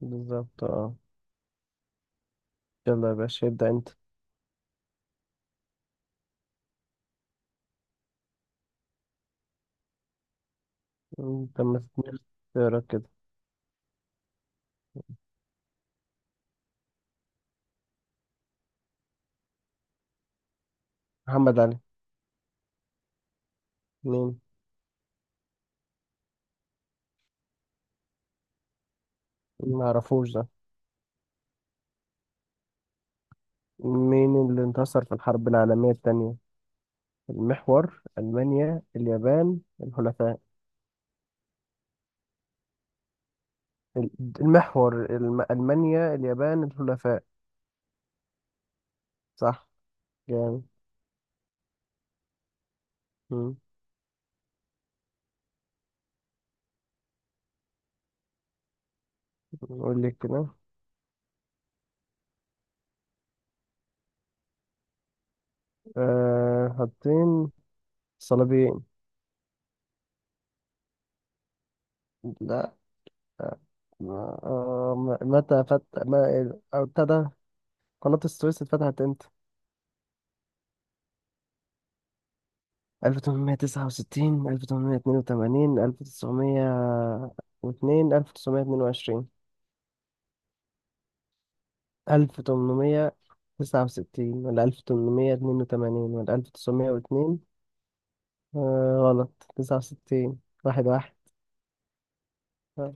بالظبط اه. يلا يا باشا ابدأ انت. انت ما تتنفس. تقرا كده. محمد علي. مين؟ ما اعرفوش ده. مين اللي انتصر في الحرب العالمية الثانية؟ المحور، ألمانيا، اليابان، الحلفاء. ال- المحور، ألمانيا، اليابان، الحلفاء. صح. جامد. مم. قول لي كده. أه حاطين. صليبيين. لا. آه، آه، متى فت ما ابتدى قناة السويس اتفتحت امتى؟ 1869، 1882، 1902، 1922. 1869 ولا 1882 ولا 1902. آه، غلط. 69. 1-1. آه،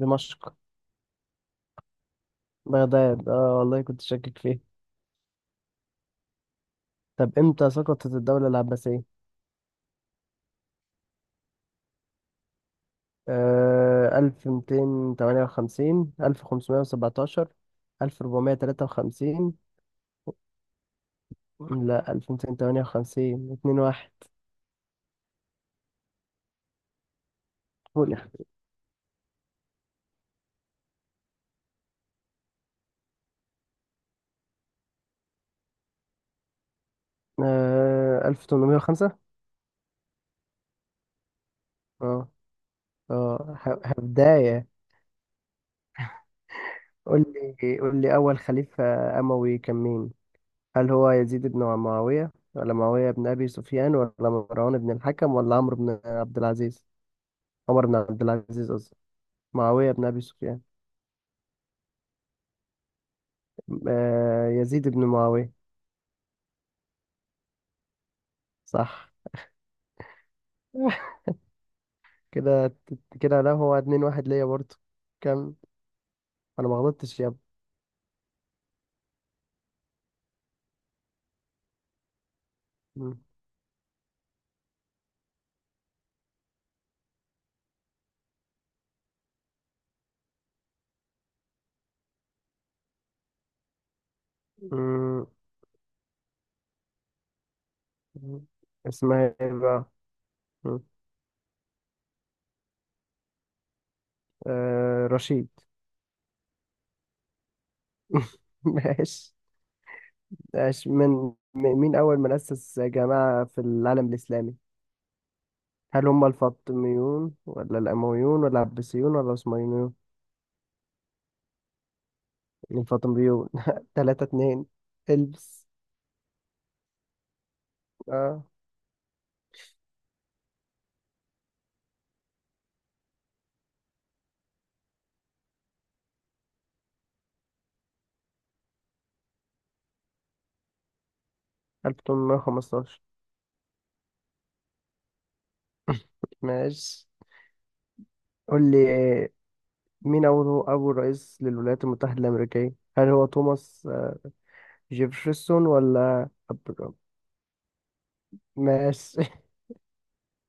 دمشق. بغداد. اه، والله كنت شاكك فيه. طب امتى سقطت الدولة العباسية؟ 1258، 1517، 1453. لا، 1958. 2-1. قول يا أخي. 1805. اه. اه، بداية. قول. لي قول لي أول خليفة أموي كان مين؟ هل هو يزيد بن معاوية ولا معاوية بن أبي سفيان ولا مروان بن الحكم ولا عمرو بن عبد العزيز؟ عمر بن عبد العزيز قصدي. معاوية بن أبي سفيان. آه، يزيد بن معاوية. صح. كده. كده، لا، هو 2-1 ليا برضه. كان أنا ما غلطتش يا ابني. مم. اسمها ايه بقى؟ مم. رشيد. ماشي. ماشي مين أول من أسس جماعة في العالم الإسلامي؟ هل هم الفاطميون ولا الأمويون ولا العباسيون ولا العثمانيون؟ الفاطميون. 3-2. البس. اه، 1815. ماشي. قول لي. آه، مين أول رئيس للولايات المتحدة الأمريكية؟ هل هو توماس، جيفرسون ولا أبرام؟ ماشي.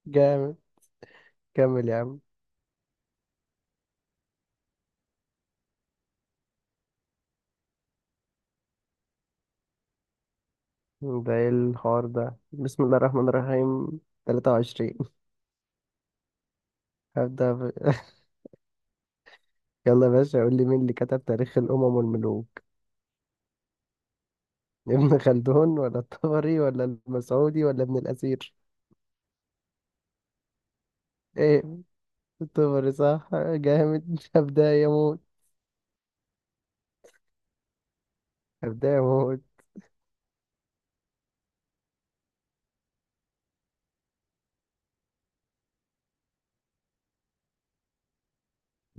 جامد. كمل يا عم. ده ايه الحوار ده؟ بسم الله الرحمن الرحيم. 23. هبدأ. يلا يا باشا، قول لي مين اللي كتب تاريخ الأمم والملوك. ابن خلدون ولا الطبري ولا المسعودي ولا ابن الأثير؟ ايه؟ الطبري. صح. جامد. هبدأ يموت. هبدأ يموت.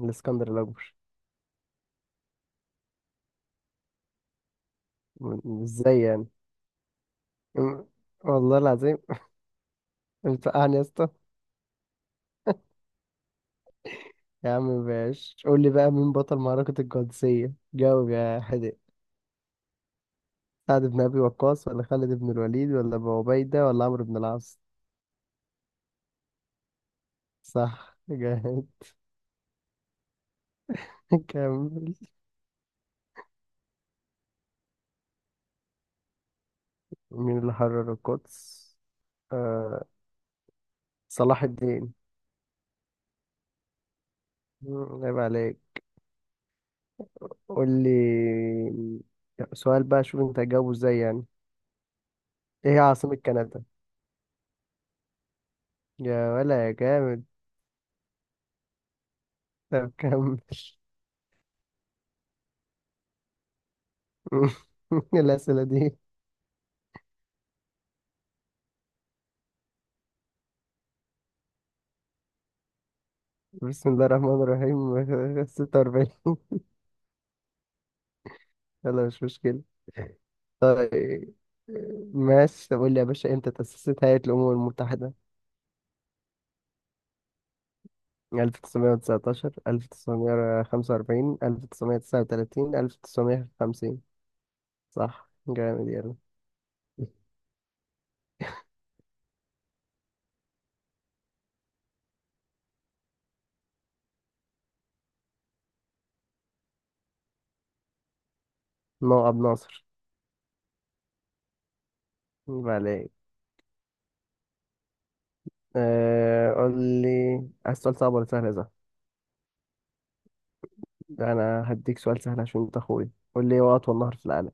الإسكندر الأكبر. ازاي يعني؟ م- والله العظيم. بتوقعني يا اسطى. يا عم باش، قول لي بقى مين بطل معركة القادسية. جاوب يا حدق. سعد بن أبي وقاص ولا خالد بن الوليد ولا أبو عبيدة ولا عمرو بن العاص؟ صح. جامد. كمل. مين اللي حرر القدس؟ آه، صلاح الدين. عيب عليك. قول لي. سؤال بقى، شوف انت هتجاوبه ازاي يعني. ايه هي عاصمة كندا؟ يا ولا يا جامد. طب كمل. الأسئلة دي بسم الله الرحمن الرحيم. 46. يلا، مش مشكلة. طيب. ماشي، طب قول لي يا باشا، امتى تأسست هيئة الأمم المتحدة؟ 1919، 1945، 1939، 1950؟ صح. جامد. يلا. نوع أبو ناصر. يبقى عليك. قول لي. عايز سؤال صعب ولا سهل يا زهر؟ ده أنا هديك سؤال سهل عشان أنت أخويا. قول لي، إيه هو أطول نهر في العالم؟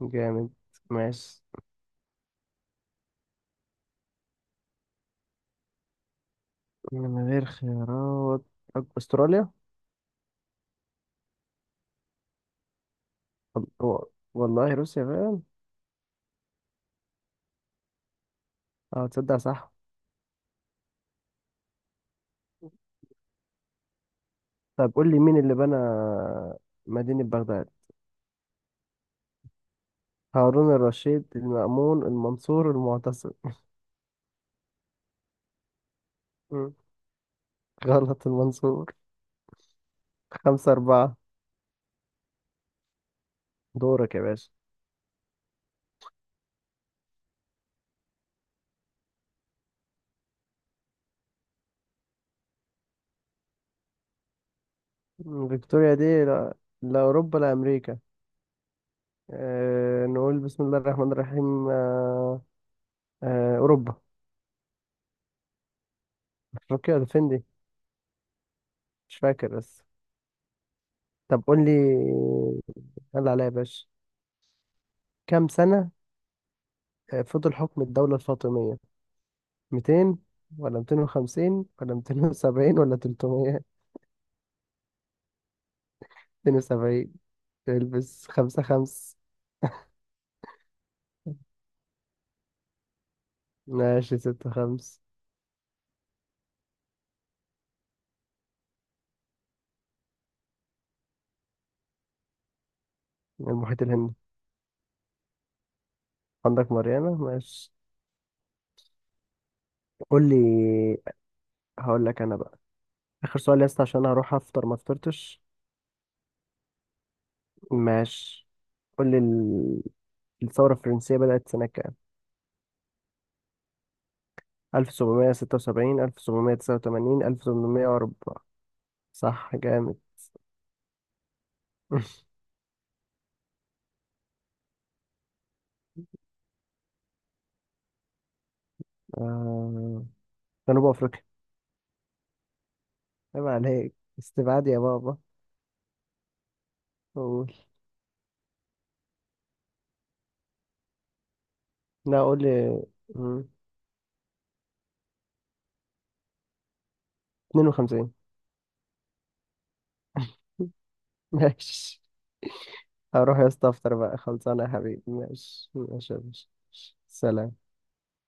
جامد. ماشي. من غير خيارات. أستراليا. وال- والله روسيا فعلا. اه، تصدق، صح. طب قول لي مين اللي بنى مدينة بغداد. هارون الرشيد، المأمون، المنصور، المعتصم؟ مم. غلط. المنصور. 5-4. دورك يا باشا. فيكتوريا دي لا. لا، أوروبا. لا، أمريكا. نقول بسم الله الرحمن الرحيم. أه أه أوروبا. أفريقيا؟ ولا فين دي. مش فاكر بس. طب قول لي. يلا عليا يا باشا. كم سنة فضل حكم الدولة الفاطمية؟ 200 ولا 250 ولا 270 ولا 300؟ 72. تلبس. 5-5. ماشي 6-5. المحيط الهندي. عندك مريانة. ماشي. قول لي. هقول لك أنا بقى. آخر سؤال يا اسطى، عشان هروح أفطر، ما فطرتش. ماشي. قول لي الثورة الفرنسية بدأت سنة كام؟ 1776، 1789، 1804؟ صح. جامد. آه، جنوب أفريقيا. عيب عليك. استبعاد يا بابا. قول. لا، قول لي. مم، 52. ماشي. هروح يا اسطى افطر بقى. خلصانه يا حبيبي. ماشي ماشي يا باشا. سلام.